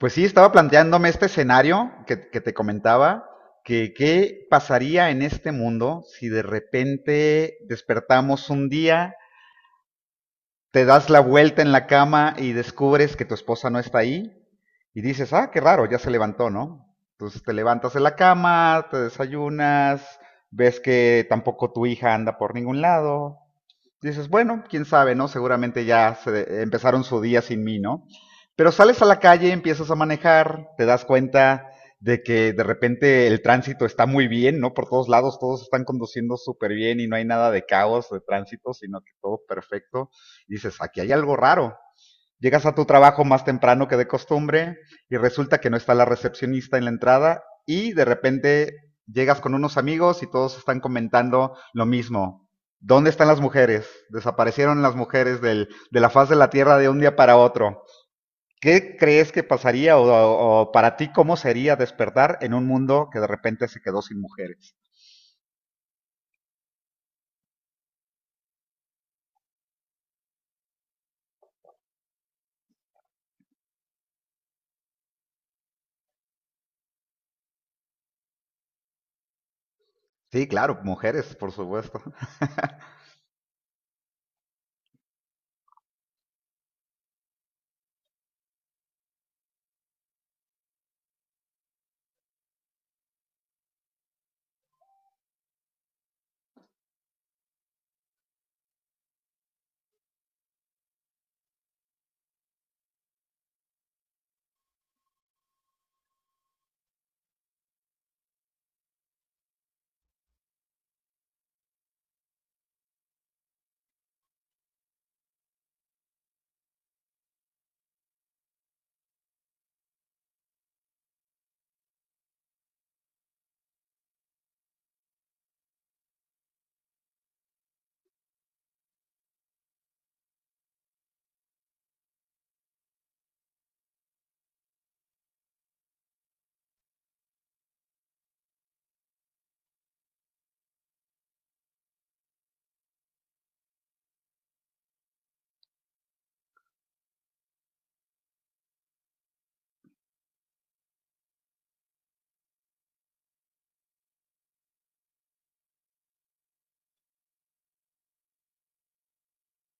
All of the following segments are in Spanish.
Pues sí, estaba planteándome este escenario que te comentaba, que qué pasaría en este mundo si de repente despertamos un día, te das la vuelta en la cama y descubres que tu esposa no está ahí y dices, ah, qué raro, ya se levantó, ¿no? Entonces te levantas de la cama, te desayunas, ves que tampoco tu hija anda por ningún lado. Dices, bueno, quién sabe, ¿no? Seguramente empezaron su día sin mí, ¿no? Pero sales a la calle, empiezas a manejar, te das cuenta de que de repente el tránsito está muy bien, ¿no? Por todos lados todos están conduciendo súper bien y no hay nada de caos de tránsito, sino que todo perfecto. Dices, aquí hay algo raro. Llegas a tu trabajo más temprano que de costumbre y resulta que no está la recepcionista en la entrada y de repente llegas con unos amigos y todos están comentando lo mismo. ¿Dónde están las mujeres? Desaparecieron las mujeres de la faz de la tierra de un día para otro. ¿Qué crees que pasaría o para ti cómo sería despertar en un mundo que de repente se quedó sin mujeres? Sí, claro, mujeres, por supuesto.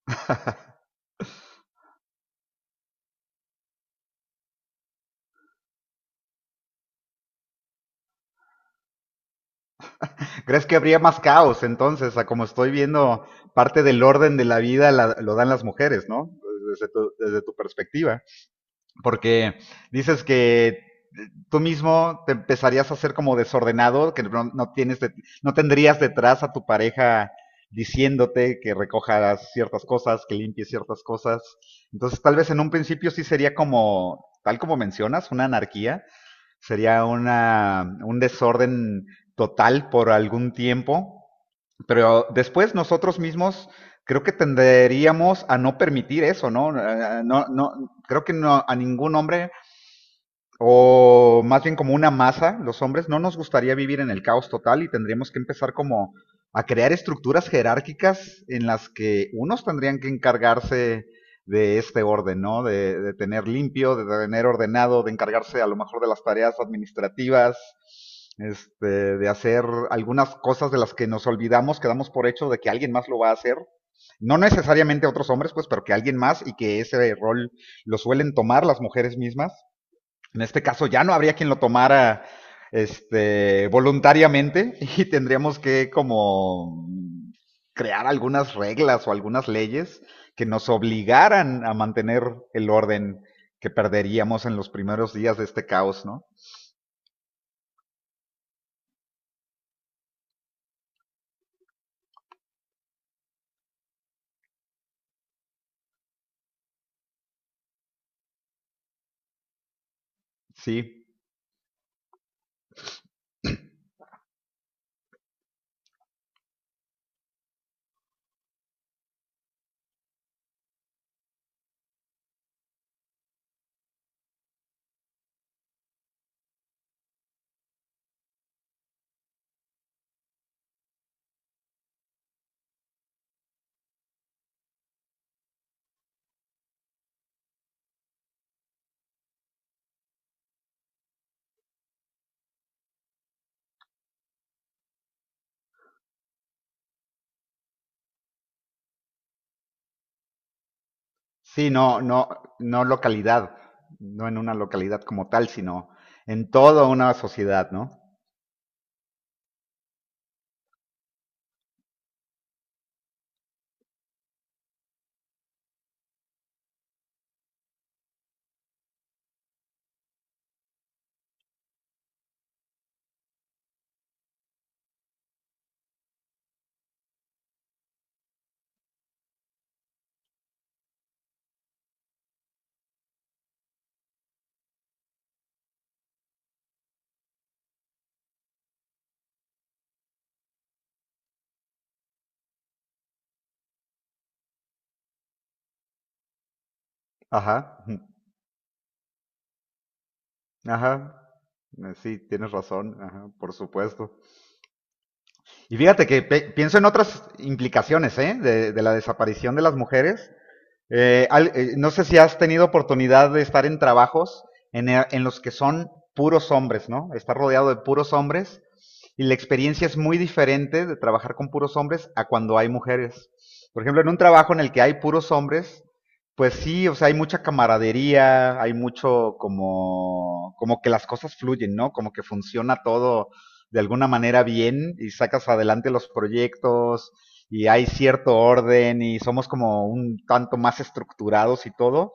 ¿Crees que habría más caos entonces? A como estoy viendo, parte del orden de la vida lo dan las mujeres, ¿no? Desde desde tu perspectiva. Porque dices que tú mismo te empezarías a ser como desordenado, que no tienes no tendrías detrás a tu pareja diciéndote que recojas ciertas cosas, que limpies ciertas cosas. Entonces, tal vez en un principio sí sería como, tal como mencionas, una anarquía, sería un desorden total por algún tiempo, pero después nosotros mismos creo que tenderíamos a no permitir eso, ¿no? No, no creo que no, a ningún hombre o más bien como una masa, los hombres, no nos gustaría vivir en el caos total y tendríamos que empezar como a crear estructuras jerárquicas en las que unos tendrían que encargarse de este orden, ¿no? De tener limpio, de tener ordenado, de encargarse a lo mejor de las tareas administrativas, este, de hacer algunas cosas de las que nos olvidamos, que damos por hecho de que alguien más lo va a hacer. No necesariamente otros hombres, pues, pero que alguien más, y que ese rol lo suelen tomar las mujeres mismas. En este caso ya no habría quien lo tomara, este, voluntariamente. Y tendríamos que como crear algunas reglas o algunas leyes que nos obligaran a mantener el orden que perderíamos en los primeros días de este caos, ¿no? Sí, sí, no, no, no localidad, no en una localidad como tal, sino en toda una sociedad, ¿no? Ajá, ajá, sí, tienes razón, ajá, por supuesto. Y fíjate que pienso en otras implicaciones, ¿eh? De la desaparición de las mujeres, no sé si has tenido oportunidad de estar en trabajos en, en los que son puros hombres, ¿no? Estar rodeado de puros hombres y la experiencia es muy diferente de trabajar con puros hombres a cuando hay mujeres. Por ejemplo, en un trabajo en el que hay puros hombres, pues sí, o sea, hay mucha camaradería, hay mucho como, como que las cosas fluyen, ¿no? Como que funciona todo de alguna manera bien y sacas adelante los proyectos, y hay cierto orden y somos como un tanto más estructurados y todo,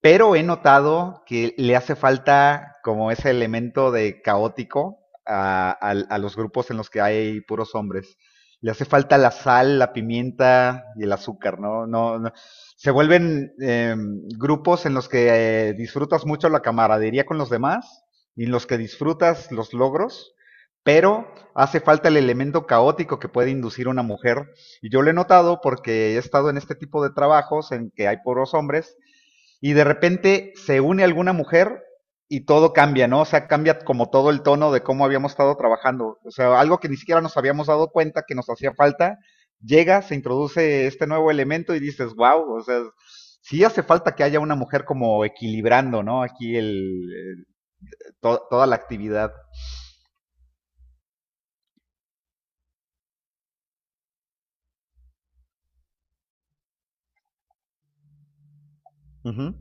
pero he notado que le hace falta como ese elemento de caótico a, a los grupos en los que hay puros hombres. Le hace falta la sal, la pimienta y el azúcar, ¿no? No, no. Se vuelven grupos en los que disfrutas mucho la camaradería con los demás y en los que disfrutas los logros, pero hace falta el elemento caótico que puede inducir una mujer y yo lo he notado porque he estado en este tipo de trabajos en que hay puros hombres y de repente se une alguna mujer y todo cambia, ¿no? O sea, cambia como todo el tono de cómo habíamos estado trabajando. O sea, algo que ni siquiera nos habíamos dado cuenta que nos hacía falta, llega, se introduce este nuevo elemento y dices, wow, o sea, sí hace falta que haya una mujer como equilibrando, ¿no? Aquí el- toda la actividad. Ujú.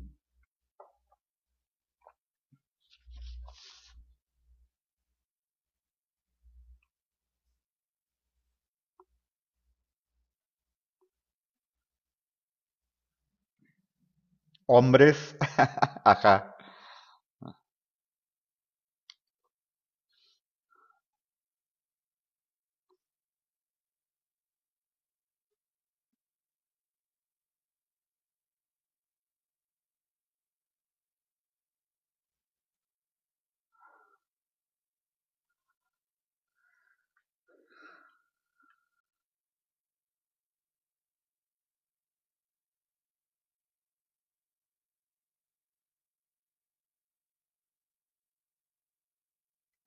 Hombres, ajá,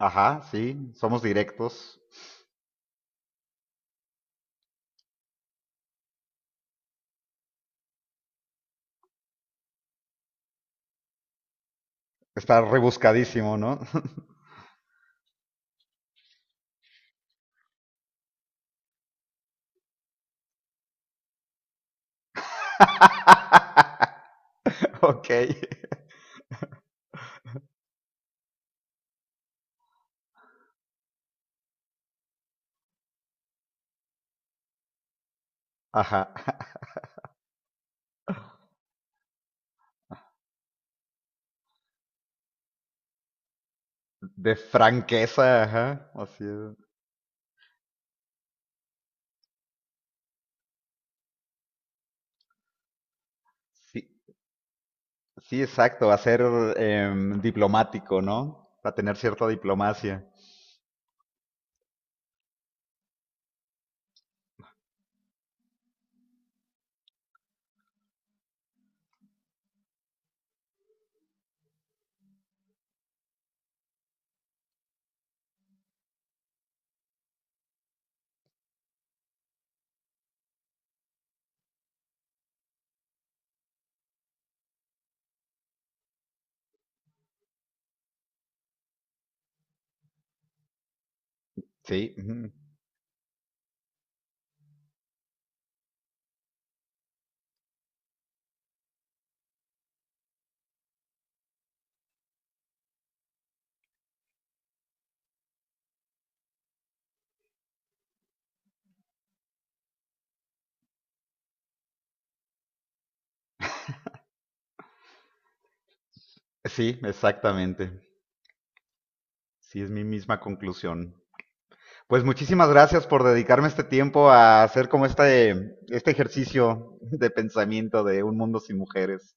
ajá, sí, somos directos. Está rebuscadísimo, ¿no? Ok. Ajá. De franqueza, ajá. Así es. Sí, sí, exacto. A ser diplomático, ¿no? A tener cierta diplomacia. Sí, ujú. Sí, exactamente. Sí, es mi misma conclusión. Pues muchísimas gracias por dedicarme este tiempo a hacer como este ejercicio de pensamiento de un mundo sin mujeres.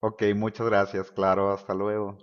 Ok, muchas gracias, claro, hasta luego.